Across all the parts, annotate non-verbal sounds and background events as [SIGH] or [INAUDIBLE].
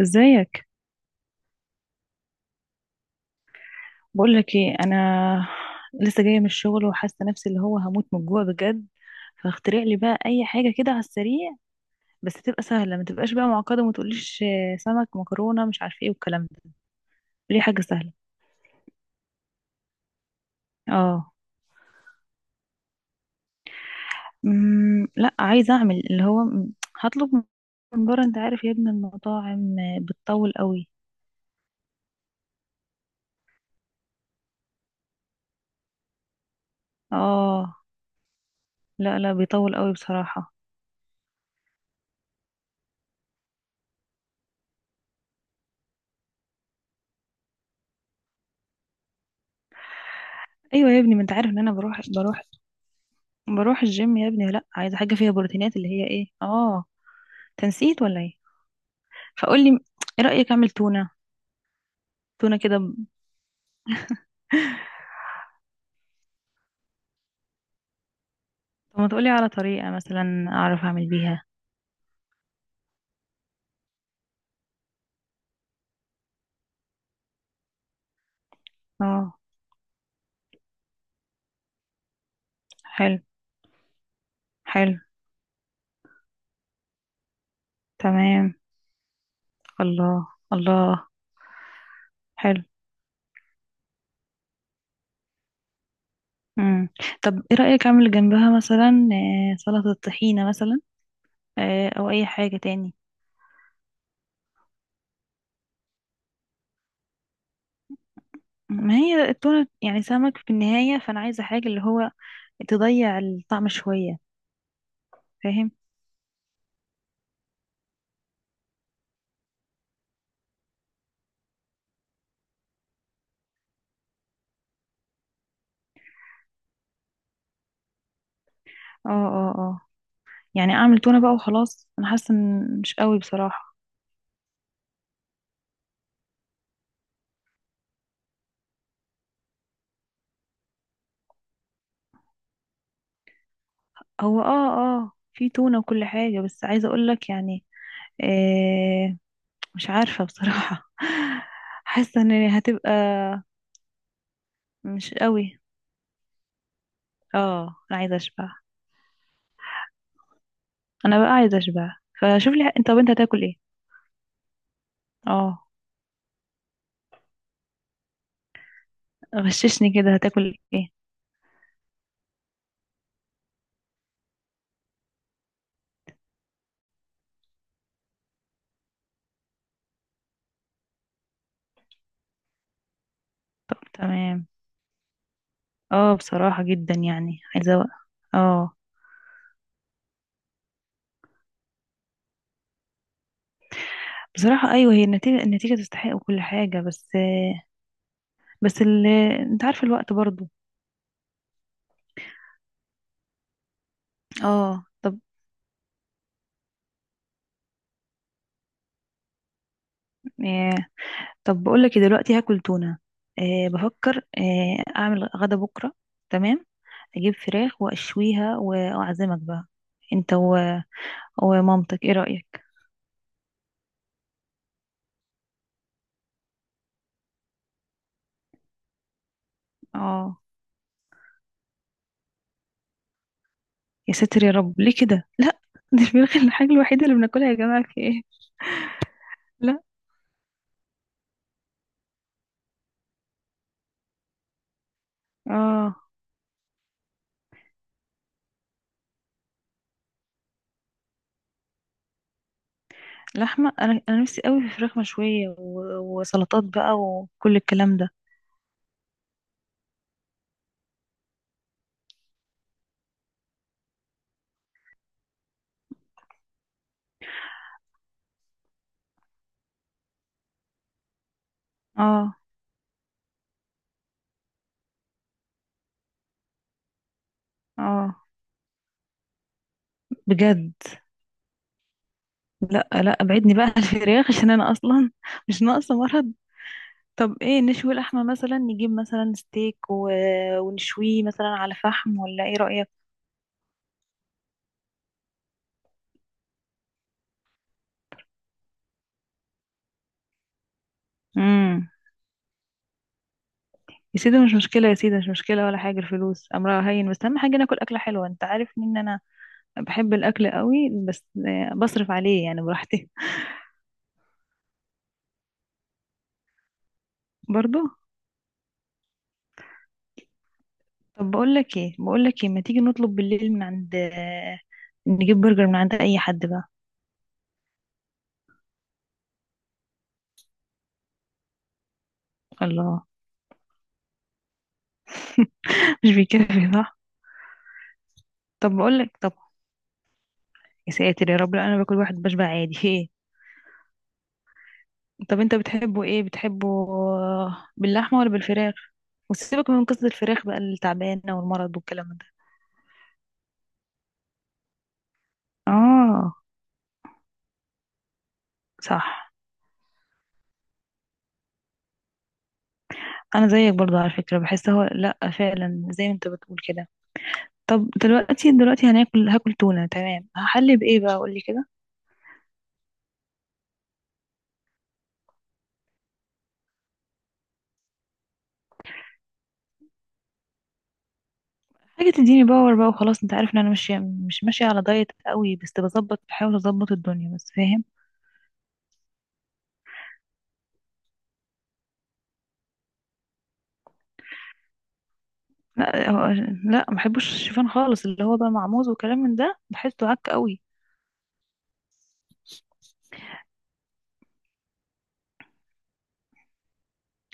ازيك؟ بقول لك ايه، انا لسه جايه من الشغل وحاسه نفسي اللي هو هموت من الجوع بجد. فاخترع لي بقى اي حاجه كده على السريع، بس تبقى سهله، ما تبقاش بقى معقده، وما تقوليش سمك مكرونه مش عارفه ايه والكلام ده. ليه؟ حاجه سهله. اه. لا، عايزه اعمل اللي هو هطلب من بره. انت عارف يا ابني، المطاعم بتطول قوي. اه. لا، لا، بيطول قوي بصراحه. ايوه يا ابني، ما انت عارف ان انا بروح الجيم يا ابني. لا، عايزه حاجه فيها بروتينات، اللي هي ايه، اه، تنسيت ولا ايه؟ فقول لي، ايه رأيك اعمل تونة؟ تونة كده طب ما تقولي على طريقة مثلا اعرف اعمل بيها. اه، حلو. حلو. تمام. الله. الله. حلو. امم. طب ايه رأيك اعمل جنبها مثلا سلطة طحينة مثلا؟ او اي حاجة تاني؟ ما هي التونة يعني سمك في النهاية، فانا عايزة حاجة اللي هو تضيع الطعم شوية. فاهم. اه، اه، اه. يعني اعمل تونة بقى وخلاص. انا حاسة ان مش قوي بصراحة. هو اه، اه، في تونة وكل حاجة، بس عايزة اقولك يعني آه مش عارفة بصراحة. [LAUGHS] حاسة ان هتبقى مش قوي. اه. انا عايزة اشبع. انا بقى عايزة اشبع. فشوف لي انت، طب انت هتاكل ايه؟ اه، غششني، كده هتاكل ايه؟ طب، تمام. اه، بصراحة جدا يعني عايزة اه، بصراحة ايوه، هي النتيجة تستحق وكل حاجة، بس بس. انت عارفة الوقت برضو. اه، طب بقول لك إيه، دلوقتي هاكل تونة. أه، بفكر اعمل غدا بكرة. تمام. اجيب فراخ واشويها واعزمك بقى انت ومامتك، ايه رأيك؟ اه، يا ساتر يا رب، ليه كده؟ [LAUGHS] لا، دي الفراخ الحاجة الوحيدة اللي بناكلها يا جماعة، في ايه؟ لا. اه، لحمة، انا نفسي قوي في فراخ مشوية وسلطات بقى وكل الكلام ده. اه، اه، بجد. لا، لا، ابعدني بقى عن الفراخ، عشان انا اصلا مش ناقصة مرض. طب ايه، نشوي اللحمة مثلا، نجيب مثلا ستيك ونشويه مثلا على فحم، ولا ايه رأيك؟ امم. يا سيدي مش مشكلة، يا سيدي مش مشكلة ولا حاجة، الفلوس أمرها هين. بس أهم حاجة ناكل أكلة حلوة. أنت عارف إن أنا بحب الأكل قوي، بس بصرف عليه يعني براحتي. [LAUGHS] برضو. طب بقول لك ايه، ما تيجي نطلب بالليل من عند نجيب برجر من عند أي حد بقى؟ الله. [LAUGHS] مش بيكفي صح؟ طب بقول لك، طب، يا ساتر يا رب، لا أنا باكل واحد بشبع عادي. [LAUGHS] ايه؟ طب انت بتحبه ايه، بتحبه آه، باللحمة ولا بالفراخ؟ وسيبك من قصة الفراخ بقى التعبانة والمرض والكلام ده. اه، صح. انا زيك برضه على فكرة، بحس هو، لا فعلا زي ما انت بتقول كده. طب دلوقتي، هاكل تونة، تمام. هحلي بايه بقى؟ قولي كده. حاجة تديني باور بقى وخلاص. انت عارف ان انا مش ماشية على دايت قوي، بس بظبط، بحاول اظبط الدنيا بس، فاهم. لا هو- لا، ما بحبش الشوفان خالص. اللي هو بقى مع موز وكلام من ده بحسه عك قوي.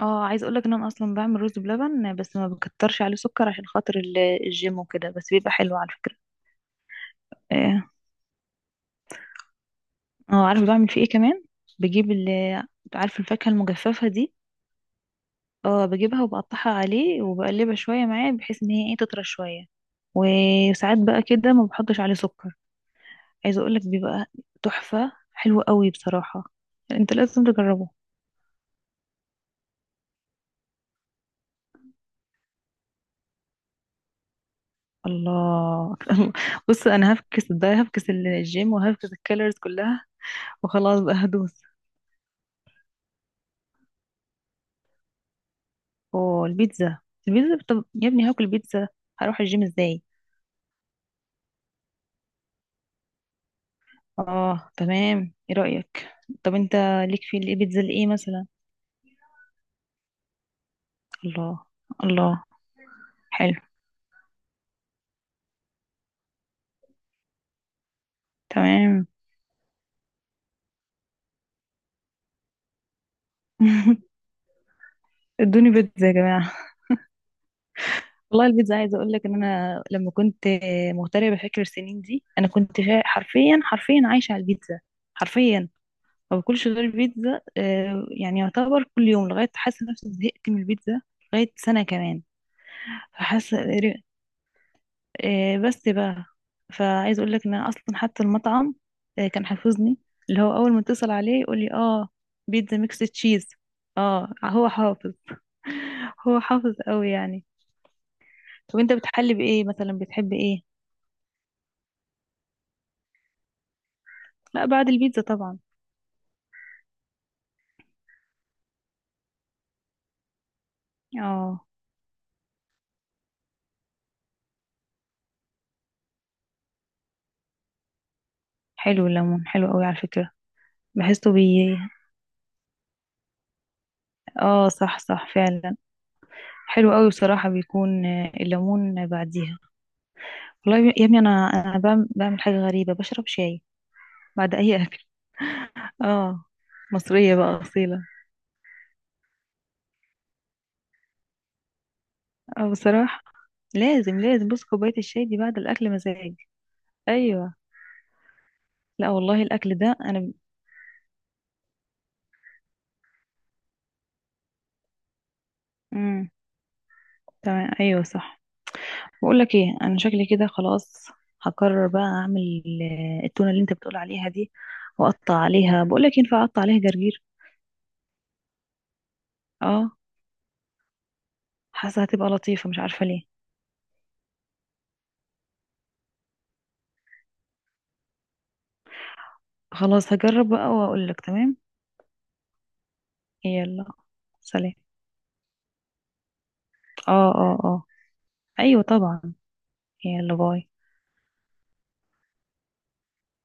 اه، عايزه اقول لك ان انا اصلا بعمل رز بلبن، بس ما بكترش عليه سكر عشان خاطر الجيم وكده، بس بيبقى حلو على فكره. اه، عارفه بعمل فيه ايه كمان؟ بجيب عارفه الفاكهه المجففه دي؟ اه، بجيبها وبقطعها عليه وبقلبها شويه معاه، بحيث ان هي ايه، تطرى شويه. وساعات بقى كده ما بحطش عليه سكر. عايزه اقول لك، بيبقى تحفه، حلو قوي بصراحه. انت لازم تجربه. الله. [LAUGHS] بص، انا هفكس ده، هفكس الجيم وهفكس الكالوريز كلها، وخلاص بقى هدوس. والبيتزا. البيتزا، البيتزا، طب يا ابني، هاكل بيتزا، هروح الجيم ازاي؟ اه، تمام، ايه رأيك؟ طب انت، ليك في البيتزا الايه مثلا؟ الله. الله. حلو. تمام. [LAUGHS] ادوني بيتزا يا جماعة. والله البيتزا، عايزة اقول لك ان انا لما كنت مغتربة، بفكر السنين دي انا كنت حرفيا، حرفيا عايشة على البيتزا. حرفيا. ما باكلش غير البيتزا يعني يعتبر كل يوم، لغاية حاسة نفسي زهقت من البيتزا. لغاية سنة كمان. فحاسة بس بقى، فعايز اقول لك ان انا اصلا حتى المطعم كان حافظني، اللي هو اول ما اتصل عليه يقول لي: اه، بيتزا ميكس تشيز. اه، هو حافظ. [LAUGHS] هو حافظ قوي يعني. طب انت بتحلي بايه مثلا؟ بتحب ايه؟ لا، بعد البيتزا طبعا. اه، حلو، الليمون حلو قوي على فكرة. بحسه بي. اه، صح، صح فعلا. حلو قوي بصراحة، بيكون الليمون بعديها. والله يا ابني، انا بعمل، حاجة غريبة، بشرب شاي بعد اي اكل. اه، مصرية بقى أصيلة. اه، بصراحة لازم، لازم. بص، كوباية الشاي دي بعد الأكل مزاج. أيوة. لا والله الأكل ده أنا. امم. تمام، أيوة، صح. بقول لك ايه، أنا شكلي كده خلاص، هقرر بقى أعمل التونة اللي أنت بتقول عليها دي، وأقطع عليها، بقول لك ينفع أقطع عليها جرجير؟ اه، حاسة هتبقى لطيفة، مش عارفة ليه. خلاص، هجرب بقى وأقول لك. تمام. يلا، سلام. اه، اه، اه. أيوة طبعا. يلا، باي.